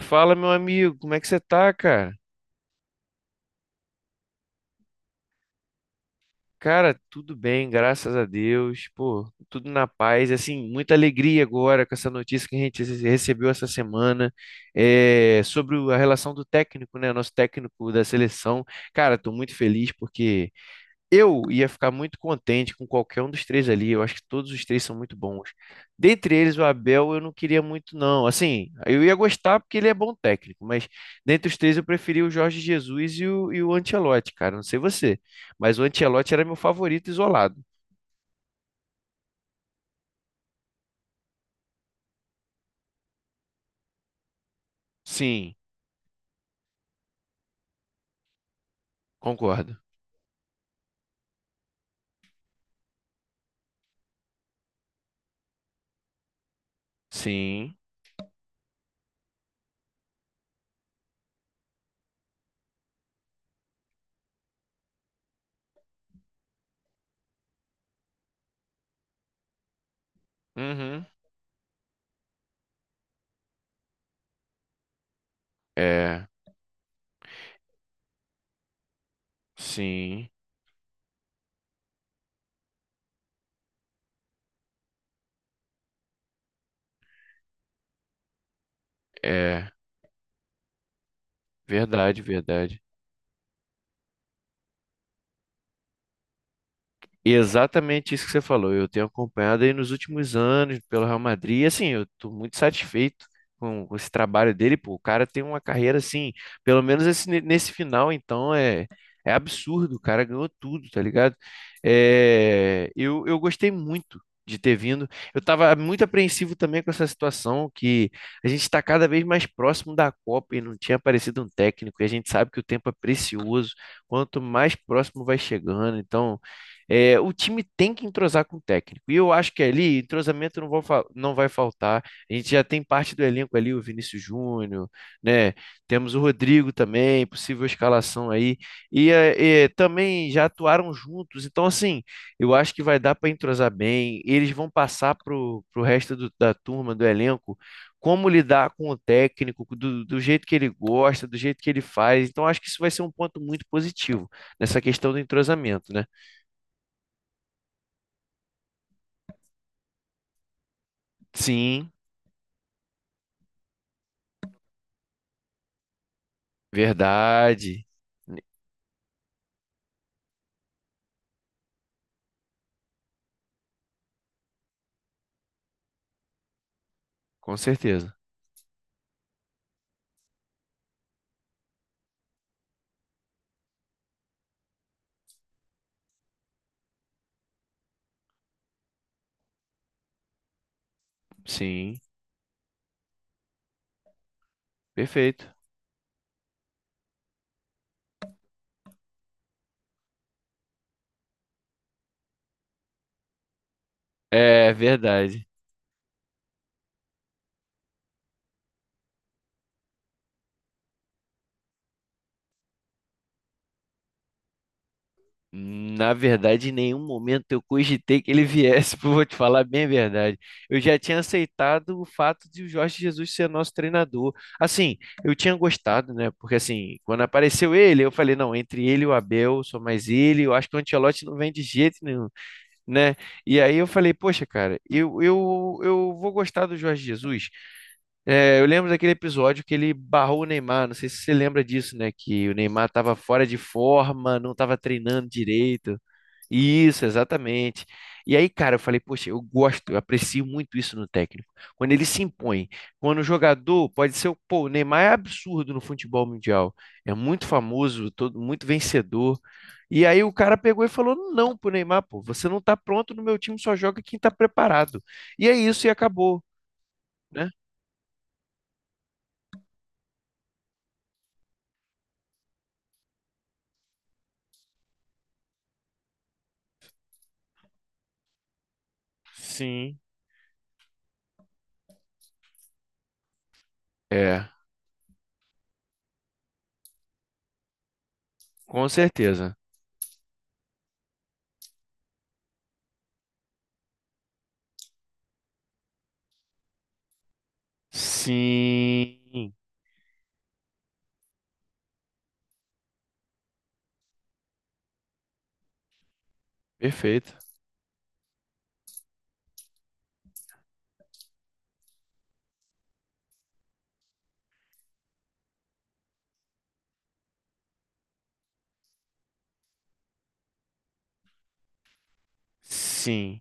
Fala, meu amigo, como é que você tá, cara? Cara, tudo bem, graças a Deus, pô, tudo na paz, assim, muita alegria agora com essa notícia que a gente recebeu essa semana, sobre a relação do técnico, né, nosso técnico da seleção. Cara, tô muito feliz porque eu ia ficar muito contente com qualquer um dos três ali. Eu acho que todos os três são muito bons. Dentre eles, o Abel eu não queria muito, não. Assim, eu ia gostar porque ele é bom técnico, mas dentre os três eu preferi o Jorge Jesus e o Ancelotti, cara. Não sei você, mas o Ancelotti era meu favorito isolado. Sim, concordo. Sim. Uhum. É, sim. É, verdade, verdade. Exatamente isso que você falou. Eu tenho acompanhado aí nos últimos anos pelo Real Madrid. E assim, eu estou muito satisfeito com esse trabalho dele. Pô, o cara tem uma carreira assim, pelo menos nesse final, então é absurdo. O cara ganhou tudo, tá ligado? É, eu gostei muito de ter vindo. Eu estava muito apreensivo também com essa situação, que a gente está cada vez mais próximo da Copa e não tinha aparecido um técnico. E a gente sabe que o tempo é precioso, quanto mais próximo vai chegando. Então, é, o time tem que entrosar com o técnico. E eu acho que ali entrosamento não, não vai faltar. A gente já tem parte do elenco ali, o Vinícius Júnior, né? Temos o Rodrigo também, possível escalação aí. E, também já atuaram juntos. Então, assim, eu acho que vai dar para entrosar bem. Eles vão passar para o resto da turma, do elenco, como lidar com o técnico, do jeito que ele gosta, do jeito que ele faz. Então, acho que isso vai ser um ponto muito positivo nessa questão do entrosamento, né? Sim, verdade. Com certeza. Sim, perfeito. É verdade. Na verdade, em nenhum momento eu cogitei que ele viesse, vou te falar bem a verdade. Eu já tinha aceitado o fato de o Jorge Jesus ser nosso treinador. Assim, eu tinha gostado, né? Porque assim, quando apareceu ele, eu falei, não, entre ele e o Abel, só mais ele, eu acho que o Ancelotti não vem de jeito nenhum, né? E aí eu falei, poxa, cara, eu vou gostar do Jorge Jesus. É, eu lembro daquele episódio que ele barrou o Neymar, não sei se você lembra disso, né? Que o Neymar estava fora de forma, não estava treinando direito. Isso, exatamente. E aí, cara, eu falei, poxa, eu gosto, eu aprecio muito isso no técnico. Quando ele se impõe, quando o jogador pode ser, pô, o Neymar é absurdo no futebol mundial, é muito famoso, todo, muito vencedor. E aí o cara pegou e falou, não, pro Neymar, pô, você não tá pronto, no meu time só joga quem tá preparado. E é isso e acabou, né? Sim. É. Com certeza. Sim. Perfeito. Sim.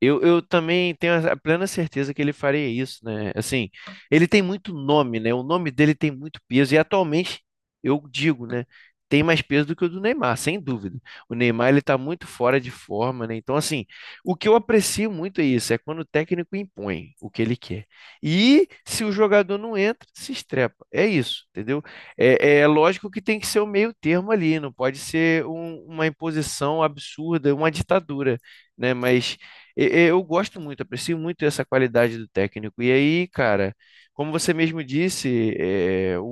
Eu também tenho a plena certeza que ele faria isso, né? Assim, ele tem muito nome, né? O nome dele tem muito peso e atualmente eu digo, né? Tem mais peso do que o do Neymar, sem dúvida. O Neymar ele tá muito fora de forma, né? Então, assim, o que eu aprecio muito é isso, é quando o técnico impõe o que ele quer. E se o jogador não entra, se estrepa. É isso, entendeu? É, é lógico que tem que ser o meio termo ali, não pode ser uma imposição absurda, uma ditadura, né? Mas eu gosto muito, aprecio muito essa qualidade do técnico. E aí, cara, como você mesmo disse,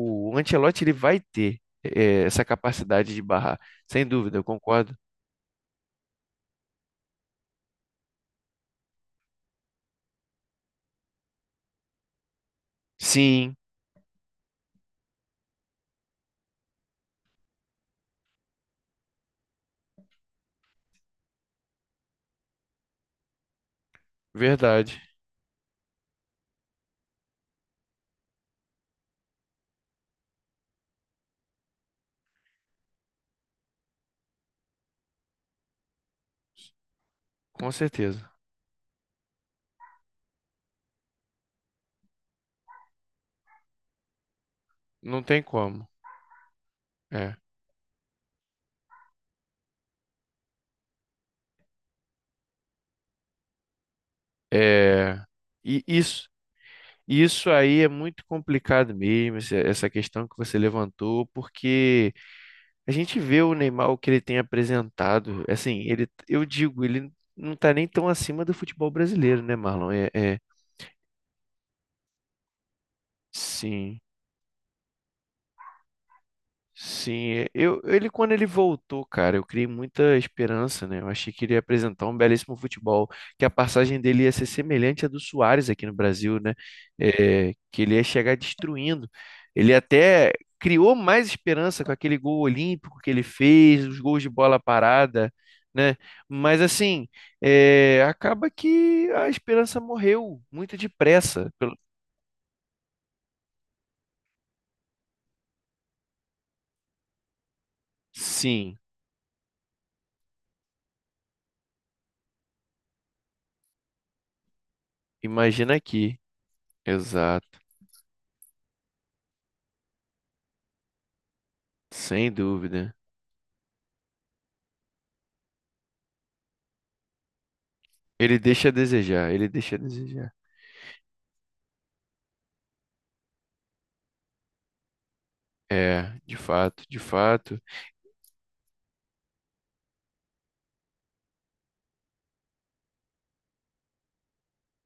o Ancelotti ele vai ter essa capacidade de barrar, sem dúvida, eu concordo. Sim, verdade, com certeza. Não tem como. É, é, e isso, isso aí é muito complicado mesmo, essa questão que você levantou, porque a gente vê o Neymar, o que ele tem apresentado, assim, ele, eu digo, ele não tá nem tão acima do futebol brasileiro, né, Marlon? Sim. Sim, é, ele quando ele voltou, cara, eu criei muita esperança, né? Eu achei que ele ia apresentar um belíssimo futebol, que a passagem dele ia ser semelhante à do Suárez aqui no Brasil, né? É, que ele ia chegar destruindo. Ele até criou mais esperança com aquele gol olímpico que ele fez, os gols de bola parada, né? Mas assim, é, acaba que a esperança morreu muito depressa. Pelo... Sim, imagina aqui. Exato, sem dúvida. Ele deixa a desejar, ele deixa a desejar. É, de fato, de fato.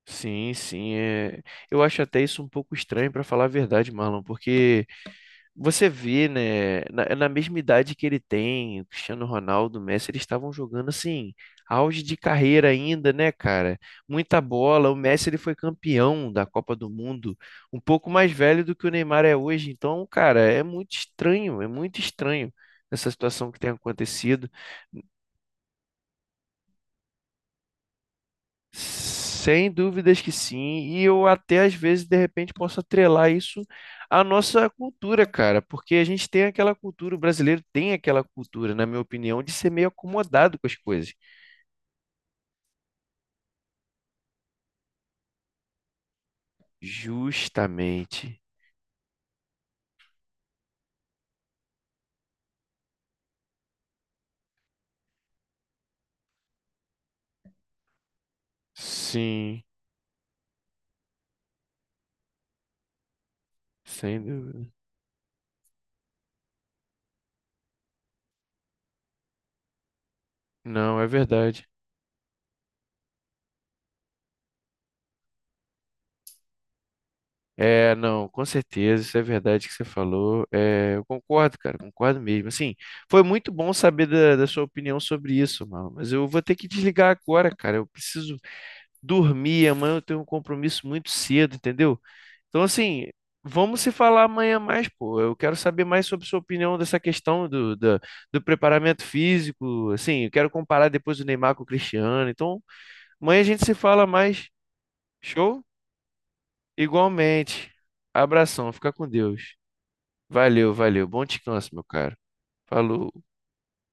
Sim, sim. é. Eu acho até isso um pouco estranho, para falar a verdade, Marlon, porque você vê, né, na mesma idade que ele tem, o Cristiano Ronaldo, o Messi, eles estavam jogando assim, auge de carreira ainda, né, cara? Muita bola. O Messi, ele foi campeão da Copa do Mundo, um pouco mais velho do que o Neymar é hoje. Então, cara, é muito estranho essa situação que tem acontecido. Sem dúvidas que sim, e eu até às vezes de repente posso atrelar isso à nossa cultura, cara, porque a gente tem aquela cultura, o brasileiro tem aquela cultura, na minha opinião, de ser meio acomodado com as coisas. Justamente. Sim, sem dúvida. Não, é verdade. É, não, com certeza, isso é verdade que você falou. É, eu concordo, cara, concordo mesmo. Assim, foi muito bom saber da sua opinião sobre isso, mano, mas eu vou ter que desligar agora, cara, eu preciso dormir, amanhã eu tenho um compromisso muito cedo, entendeu? Então, assim, vamos se falar amanhã mais, pô. Eu quero saber mais sobre sua opinião dessa questão do preparamento físico, assim, eu quero comparar depois o Neymar com o Cristiano. Então, amanhã a gente se fala mais. Show? Igualmente. Abração, fica com Deus. Valeu, valeu. Bom descanso, meu caro. Falou.